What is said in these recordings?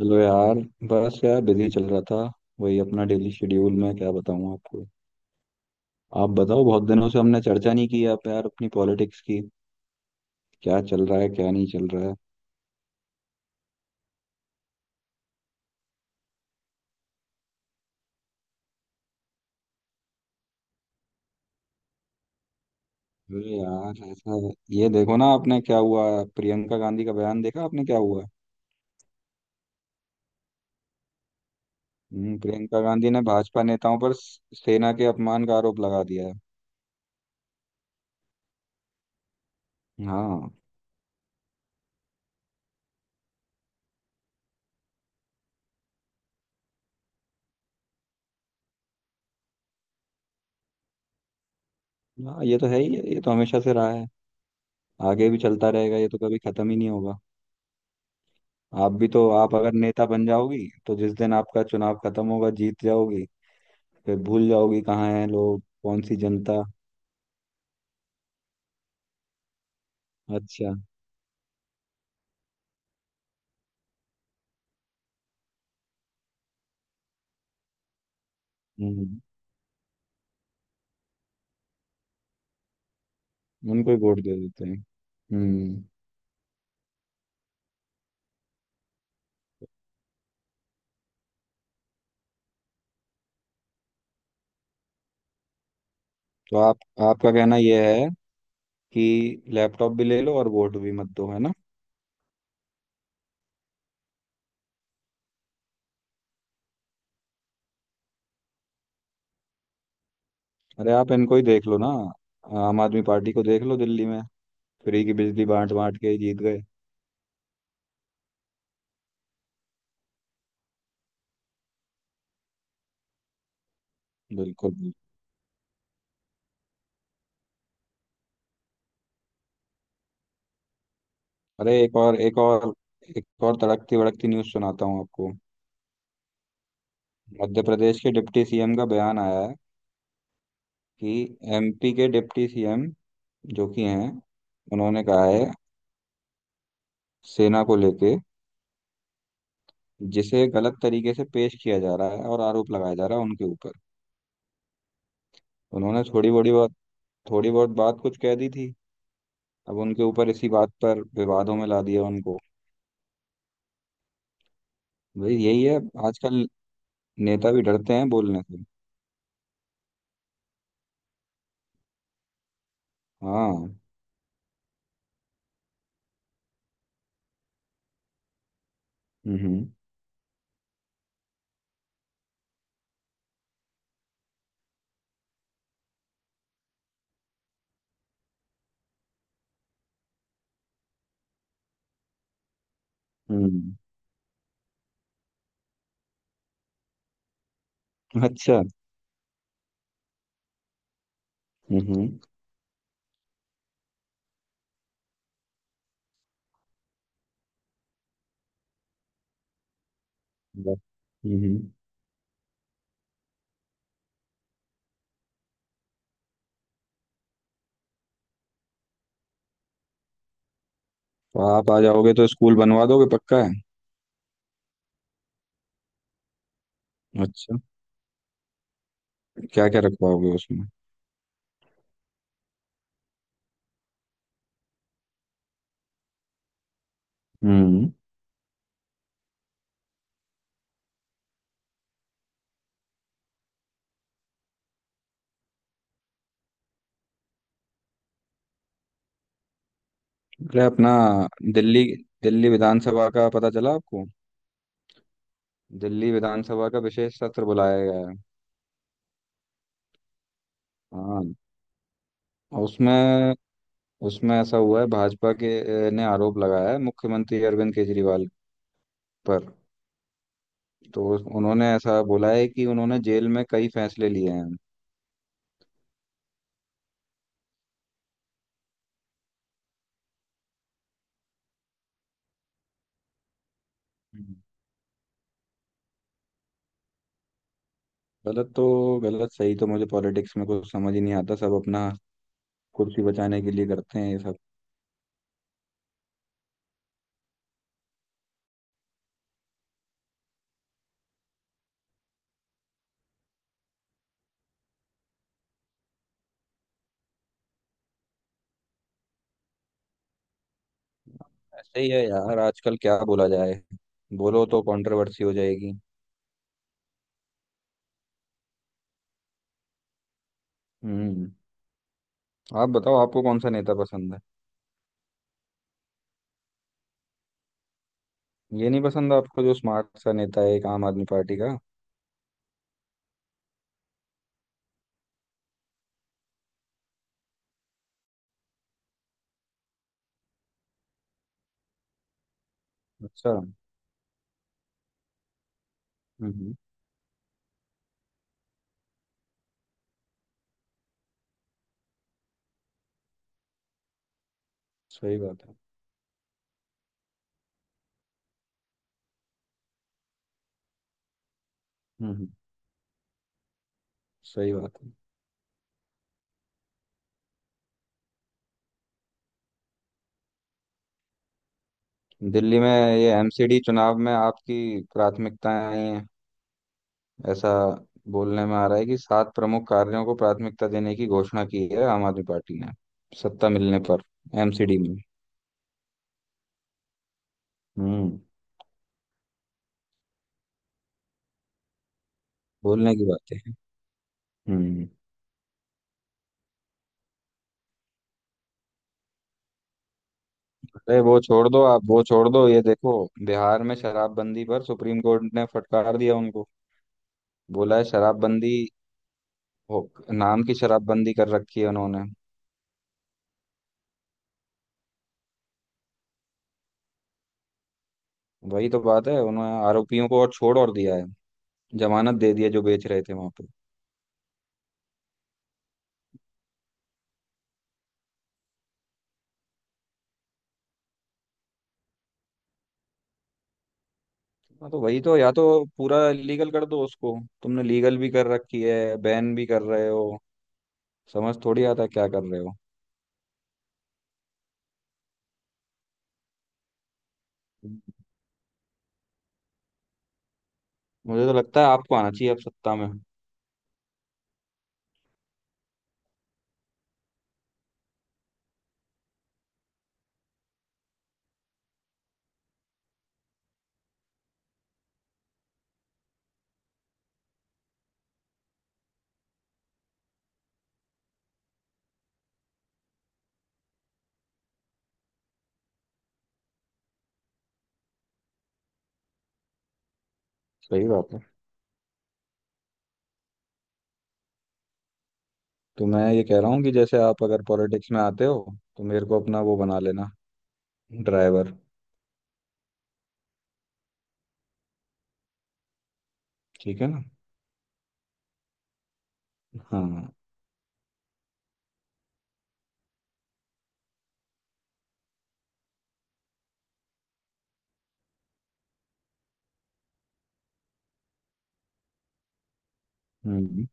चलो यार। बस यार बिजी चल रहा था। वही अपना डेली शेड्यूल में क्या बताऊं आपको। आप बताओ, बहुत दिनों से हमने चर्चा नहीं की आप यार अपनी पॉलिटिक्स की। क्या चल रहा है क्या नहीं चल रहा है। अरे यार ऐसा है, ये देखो ना, आपने क्या हुआ प्रियंका गांधी का बयान देखा आपने क्या हुआ। प्रियंका गांधी ने भाजपा नेताओं पर सेना के अपमान का आरोप लगा दिया है। हाँ। हाँ ये तो है ही है, ये तो हमेशा से रहा है। आगे भी चलता रहेगा, ये तो कभी खत्म ही नहीं होगा। आप भी तो आप अगर नेता बन जाओगी तो जिस दिन आपका चुनाव खत्म होगा जीत जाओगी, फिर भूल जाओगी कहाँ हैं लोग कौन सी जनता। अच्छा। हम्म। उनको ही वोट दे देते हैं हम्म। तो आप आपका कहना यह है कि लैपटॉप भी ले लो और वोट भी मत दो, है ना। अरे आप इनको ही देख लो ना। आम आदमी पार्टी को देख लो दिल्ली में। फ्री की बिजली बांट बांट के ही जीत गए। बिल्कुल बिल्कुल। अरे एक और तड़कती भड़कती न्यूज़ सुनाता हूँ आपको। मध्य प्रदेश के डिप्टी सीएम का बयान आया है कि एमपी के डिप्टी सीएम जो कि हैं, उन्होंने कहा है सेना को लेके जिसे गलत तरीके से पेश किया जा रहा है और आरोप लगाया जा रहा है उनके ऊपर। उन्होंने थोड़ी बहुत बात कुछ कह दी थी। अब उनके ऊपर इसी बात पर विवादों में ला दिया उनको। भाई यही है आजकल। नेता भी डरते हैं बोलने से। हाँ। हम्म हम्म। अच्छा। हम्म। बस। हम्म। तो आप आ जाओगे तो स्कूल बनवा दोगे पक्का है। अच्छा। क्या क्या रखवाओगे उसमें। हम्म। अरे अपना दिल्ली दिल्ली विधानसभा का पता चला आपको। दिल्ली विधानसभा का विशेष सत्र बुलाया गया है। हाँ। और उसमें उसमें ऐसा हुआ है भाजपा के ने आरोप लगाया है मुख्यमंत्री अरविंद केजरीवाल पर। तो उन्होंने ऐसा बोला है कि उन्होंने जेल में कई फैसले लिए हैं। हम्म। गलत तो गलत सही तो मुझे पॉलिटिक्स में कुछ समझ ही नहीं आता, सब अपना कुर्सी बचाने के लिए करते हैं ये सब। ऐसे ही है यार आजकल क्या बोला जाए, बोलो तो कंट्रोवर्सी हो जाएगी। हम्म। आप बताओ आपको कौन सा नेता पसंद है। ये नहीं पसंद आपको जो स्मार्ट सा नेता है एक आम आदमी पार्टी का। अच्छा। हम्म, सही बात है। हम्म हम्म, सही बात है। दिल्ली में ये एमसीडी चुनाव में आपकी प्राथमिकताएं आई हैं, ऐसा बोलने में आ रहा है कि सात प्रमुख कार्यों को प्राथमिकता देने की घोषणा की है आम आदमी पार्टी ने सत्ता मिलने पर एमसीडी में। हम्म। बोलने की बातें हैं। हम्म। अरे वो छोड़ दो आप, वो छोड़ दो, ये देखो। बिहार में शराबबंदी पर सुप्रीम कोर्ट ने फटकार दिया उनको। बोला है शराबबंदी नाम की शराबबंदी कर रखी है उन्होंने। वही तो बात है, उन्होंने आरोपियों को और छोड़ और दिया है, जमानत दे दी है जो बेच रहे थे वहां पे। हाँ, तो वही तो या तो पूरा लीगल कर दो, उसको तुमने लीगल भी कर रखी है बैन भी कर रहे हो। समझ थोड़ी आता है क्या कर रहे हो। मुझे तो लगता है आपको आना चाहिए अब सत्ता में। सही बात है। तो मैं ये कह रहा हूँ कि जैसे आप अगर पॉलिटिक्स में आते हो तो मेरे को अपना वो बना लेना, ड्राइवर। ठीक है ना। हाँ। हम्म।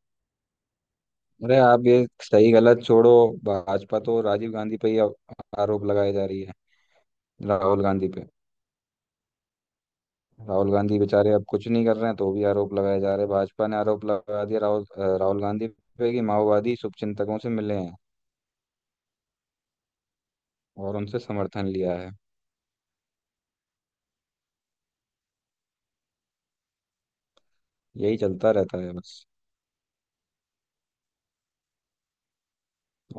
अरे आप ये सही गलत छोड़ो। भाजपा तो राजीव गांधी पे ही अब आरोप लगाए जा रही है राहुल गांधी पे। राहुल गांधी बेचारे अब कुछ नहीं कर रहे हैं तो भी आरोप लगाए जा रहे हैं, भाजपा ने आरोप लगा दिया राहुल गांधी पे कि माओवादी शुभचिंतकों से मिले हैं और उनसे समर्थन लिया है। यही चलता रहता है बस।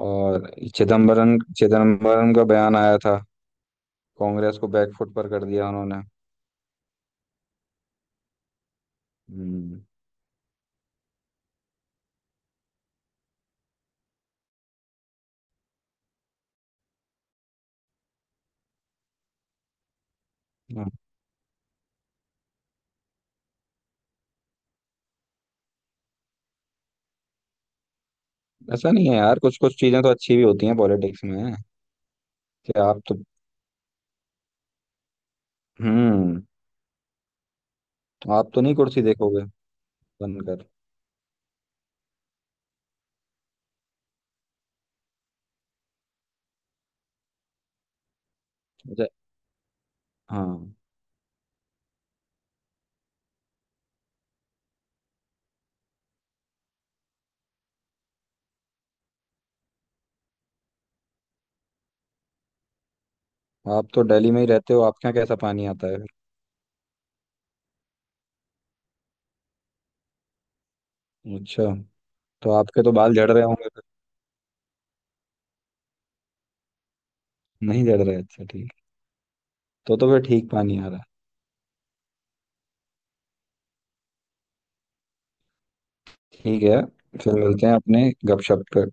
और चिदम्बरम चिदम्बरम का बयान आया था, कांग्रेस को बैकफुट पर कर दिया उन्होंने। हम्म। हाँ, ऐसा नहीं है यार, कुछ कुछ चीजें तो अच्छी भी होती हैं पॉलिटिक्स में। कि आप तो हम्म। आप तो नहीं कुर्सी देखोगे बनकर। अच्छा। हाँ। आप तो दिल्ली में ही रहते हो, आपके यहाँ कैसा पानी आता है। फिर अच्छा। तो आपके तो बाल झड़ रहे होंगे फिर। नहीं झड़ रहे, अच्छा ठीक। तो फिर ठीक पानी आ रहा है। ठीक है। फिर मिलते हैं अपने गपशप पे।